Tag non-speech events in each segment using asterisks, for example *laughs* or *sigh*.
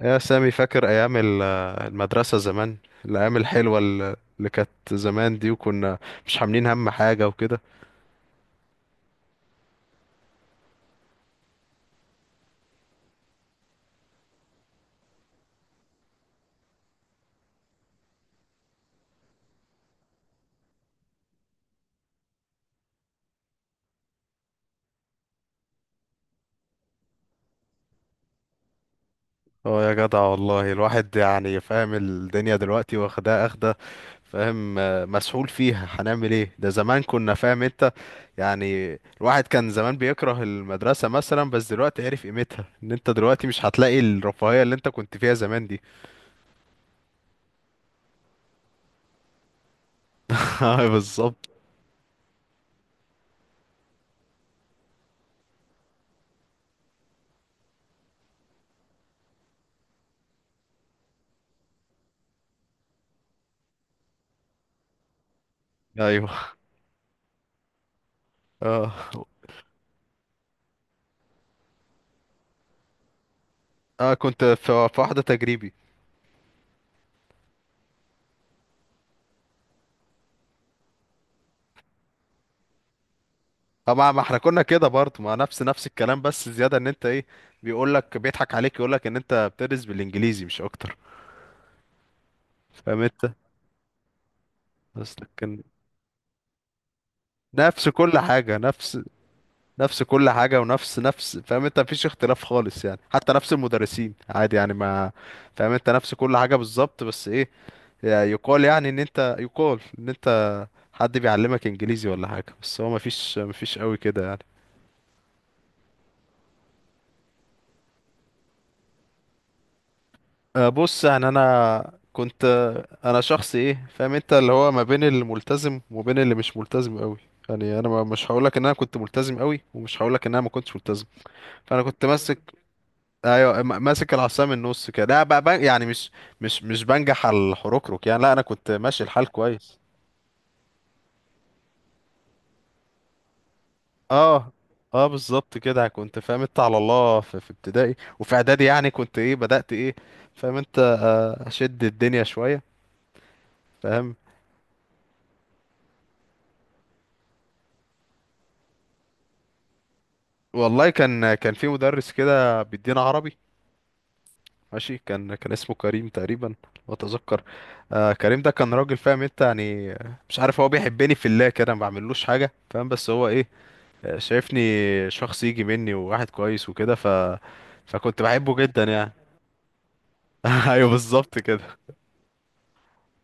يا سامي، فاكر أيام المدرسة زمان، الأيام الحلوة اللي كانت زمان دي، وكنا مش عاملين هم حاجة وكده. اه يا جدع، والله الواحد يعني فاهم الدنيا دلوقتي، واخدها اخدة فاهم، مسحول فيها، هنعمل ايه؟ ده زمان كنا فاهم انت يعني. الواحد كان زمان بيكره المدرسة مثلا، بس دلوقتي عرف قيمتها، ان انت دلوقتي مش هتلاقي الرفاهية اللي انت كنت فيها زمان دي. *laughs* اه، بالظبط. ايوه. اه، اه كنت في واحدة تجريبي. طب ما احنا كنا كده برضه، ما نفس الكلام، بس زيادة ان انت ايه، بيقول لك، بيضحك عليك، يقول لك ان انت بتدرس بالانجليزي مش اكتر، فاهم انت. بس لكن. نفس كل حاجة نفس. نفس كل حاجة، ونفس نفس فاهم انت، مفيش اختلاف خالص يعني، حتى نفس المدرسين عادي يعني، ما فاهم انت، نفس كل حاجة بالظبط، بس ايه، يعني يقال، يعني ان انت يقال ان انت حد بيعلمك انجليزي ولا حاجة، بس هو مفيش قوي كده يعني. بص يعني انا كنت، انا شخص ايه فاهم انت، اللي هو ما بين الملتزم وبين اللي مش ملتزم قوي. يعني انا مش هقولك ان انا كنت ملتزم قوي، ومش هقولك ان انا ما كنتش ملتزم. فانا كنت ماسك. ايوه، ماسك العصا من النص كده، لا بقى، يعني مش مش بنجح على الحركرك يعني، لا انا كنت ماشي الحال كويس. اه. اه، بالظبط كده كنت فاهم انت، على الله في, ابتدائي، وفي اعدادي يعني كنت ايه، بدأت ايه، فاهم انت، اشد الدنيا شوية فاهم. والله كان في مدرس كده بيدينا عربي، ماشي، كان اسمه كريم تقريبا، لو اتذكر. آه، كريم ده كان راجل فاهم انت يعني، مش عارف هو بيحبني في الله كده، ما بعملوش حاجه فاهم، بس هو ايه، شايفني شخص يجي مني وواحد كويس وكده، فكنت بحبه جدا يعني. *laughs* ايوه، بالظبط كده.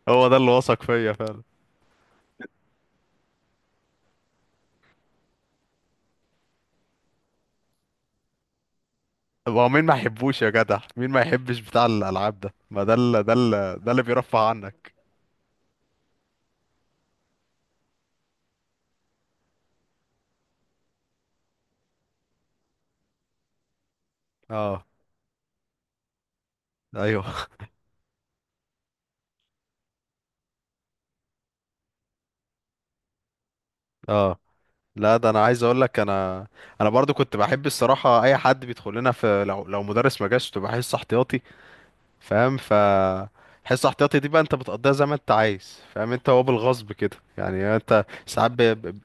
هو ده اللي وثق فيا فعلا. طب هو مين ما يحبوش يا جدع، مين ما يحبش بتاع الالعاب ده، ما ده اللي بيرفع عنك. اه. ايوه. اه. لا، ده انا عايز اقول لك، انا انا برضو كنت بحب الصراحه اي حد بيدخل لنا في، لو مدرس ما جاش تبقى حصه احتياطي فاهم، حصه احتياطي دي بقى انت بتقضيها زي ما انت عايز فاهم انت، هو بالغصب كده يعني، انت ساعات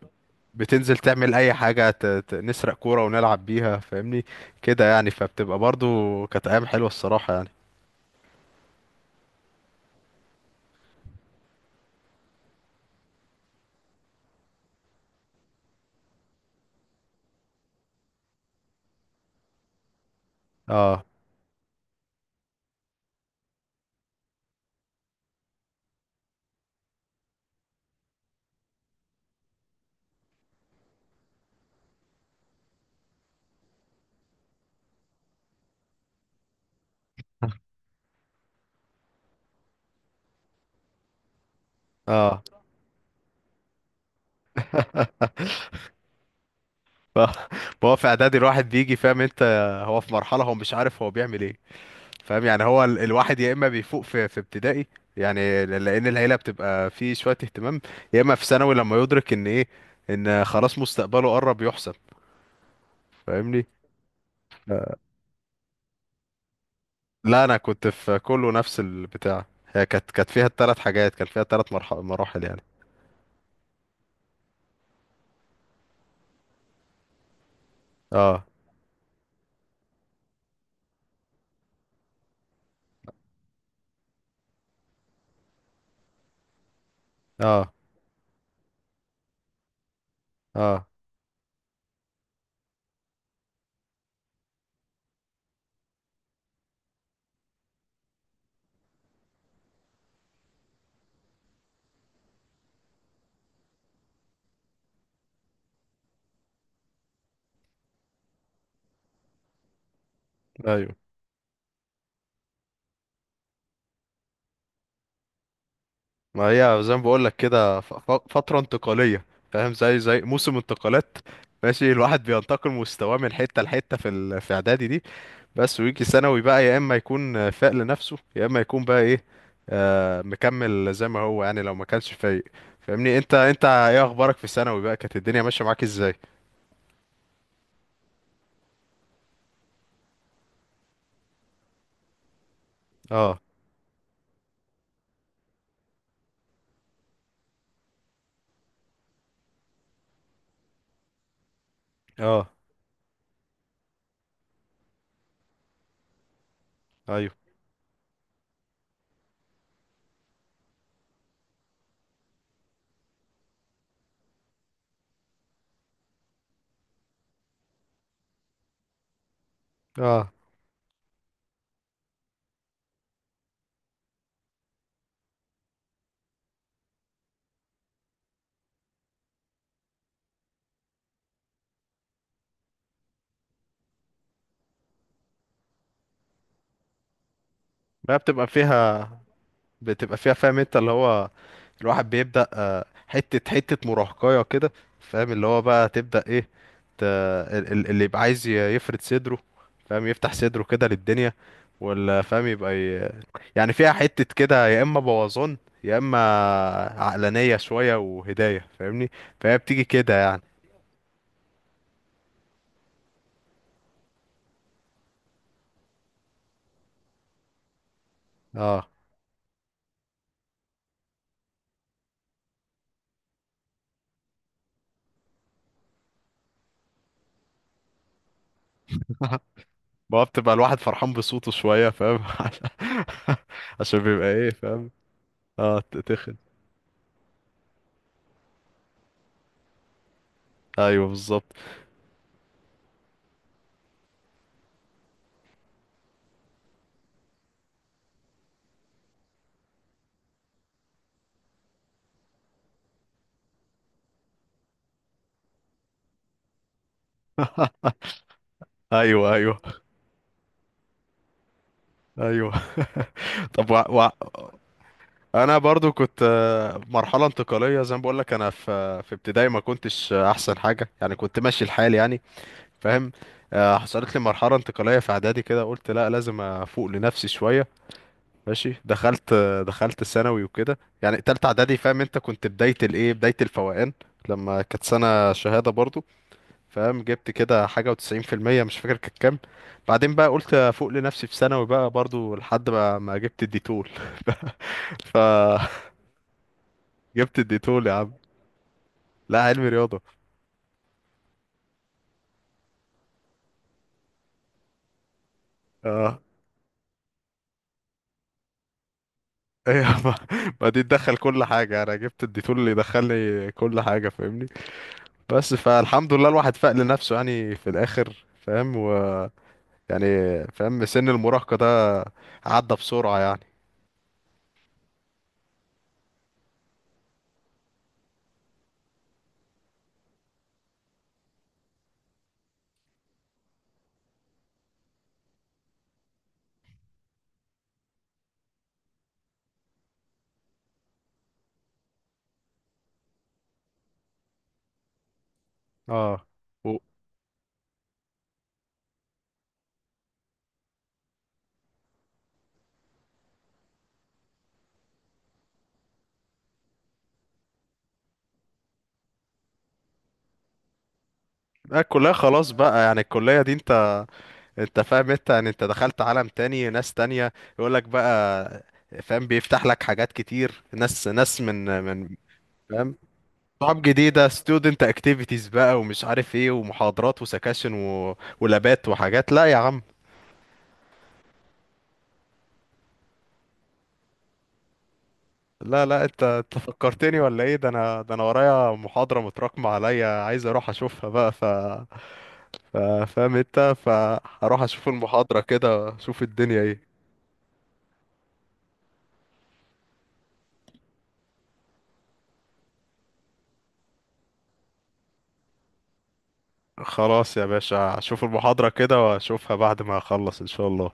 بتنزل تعمل اي حاجه، نسرق كوره ونلعب بيها فاهمني، كده يعني. فبتبقى برضو كانت ايام حلوه الصراحه يعني. اه. اه. *laughs* ف... هو في اعدادي الواحد بيجي فاهم انت، هو في مرحله، هو مش عارف هو بيعمل ايه، فاهم يعني، هو الواحد يا اما بيفوق في ابتدائي، يعني لان العيله بتبقى فيه شويه اهتمام، يا اما في ثانوي لما يدرك ان ايه، ان خلاص مستقبله قرب يحسب فاهمني. لا، انا كنت في كله نفس البتاع، هي كانت فيها الثلاث حاجات، كان فيها الثلاث مراحل يعني. اه. اه. اه. ايوه. ما هي زي ما بقول لك كده، فتره انتقاليه فاهم، زي موسم انتقالات، ماشي، الواحد بينتقل مستواه من حته لحته في في اعدادي دي، بس ويجي ثانوي بقى، يا اما يكون فاق لنفسه، يا اما يكون بقى ايه، مكمل زي ما هو يعني، لو ما كانش فايق فاهمني. انت ايه اخبارك في ثانوي بقى، كانت الدنيا ماشيه معاك ازاي؟ اه. اه. ايوه. اه. بقى بتبقى فيها. بتبقى فيها فاهم انت، اللي هو الواحد بيبدأ، حتة حتة مراهقية كده فاهم، اللي هو بقى تبدأ ايه، اللي يبقى عايز يفرد صدره فاهم، يفتح صدره كده للدنيا، ولا فاهم يبقى يعني فيها حتة كده، يا إما بوظان، يا إما عقلانية شوية وهداية فاهمني. فهي بتيجي كده يعني. اه، بقى بتبقى الواحد فرحان بصوته شوية فاهم، *laughs* عشان بيبقى ايه فاهم. اه، تتخن. ايوه بالظبط. ايوه، ايوه، ايوه. *laughs* طب، و... انا برضو كنت، مرحله انتقاليه زي ما بقول لك، انا في في ابتدائي ما كنتش احسن حاجه يعني، كنت ماشي الحال يعني فاهم، حصلت لي مرحله انتقاليه في اعدادي كده، قلت لا لازم افوق لنفسي شويه، ماشي. دخلت ثانوي وكده، يعني تالتة اعدادي فاهم انت، كنت بدايه الايه، بدايه الفوقان، لما كانت سنه شهاده برضو فاهم. جبت كده حاجه و90%، مش فاكر كانت كام. بعدين بقى قلت افوق لنفسي في ثانوي بقى، برضو لحد ما جبت الديتور، فجبت. *laughs* الديتول يا عم. لا، علمي رياضة. اه. *laughs* ايه ما دي تدخل كل حاجة، انا جبت الديتول اللي يدخلني كل حاجة فاهمني. بس فالحمد لله الواحد فاق لنفسه يعني في الاخر فاهم، ويعني فاهم سن المراهقة ده عدى بسرعة يعني. اه. و... لا، الكلية خلاص بقى، يعني الكلية دي انت، انت فاهم انت يعني، انت دخلت عالم تاني، ناس تانية. يقولك بقى، فاهم بيفتح لك حاجات كتير، ناس من فاهم، صعاب جديدة، student activities بقى ومش عارف ايه، ومحاضرات وسكاشن ولابات وحاجات، لا يا عم. لا لا، انت فكرتني ولا ايه، ده انا، ورايا محاضرة متراكمة عليا، عايز اروح اشوفها بقى، ف... فاهم انت، فهروح اشوف المحاضرة كده، اشوف الدنيا ايه. خلاص يا باشا، اشوف المحاضرة كده واشوفها بعد ما اخلص ان شاء الله.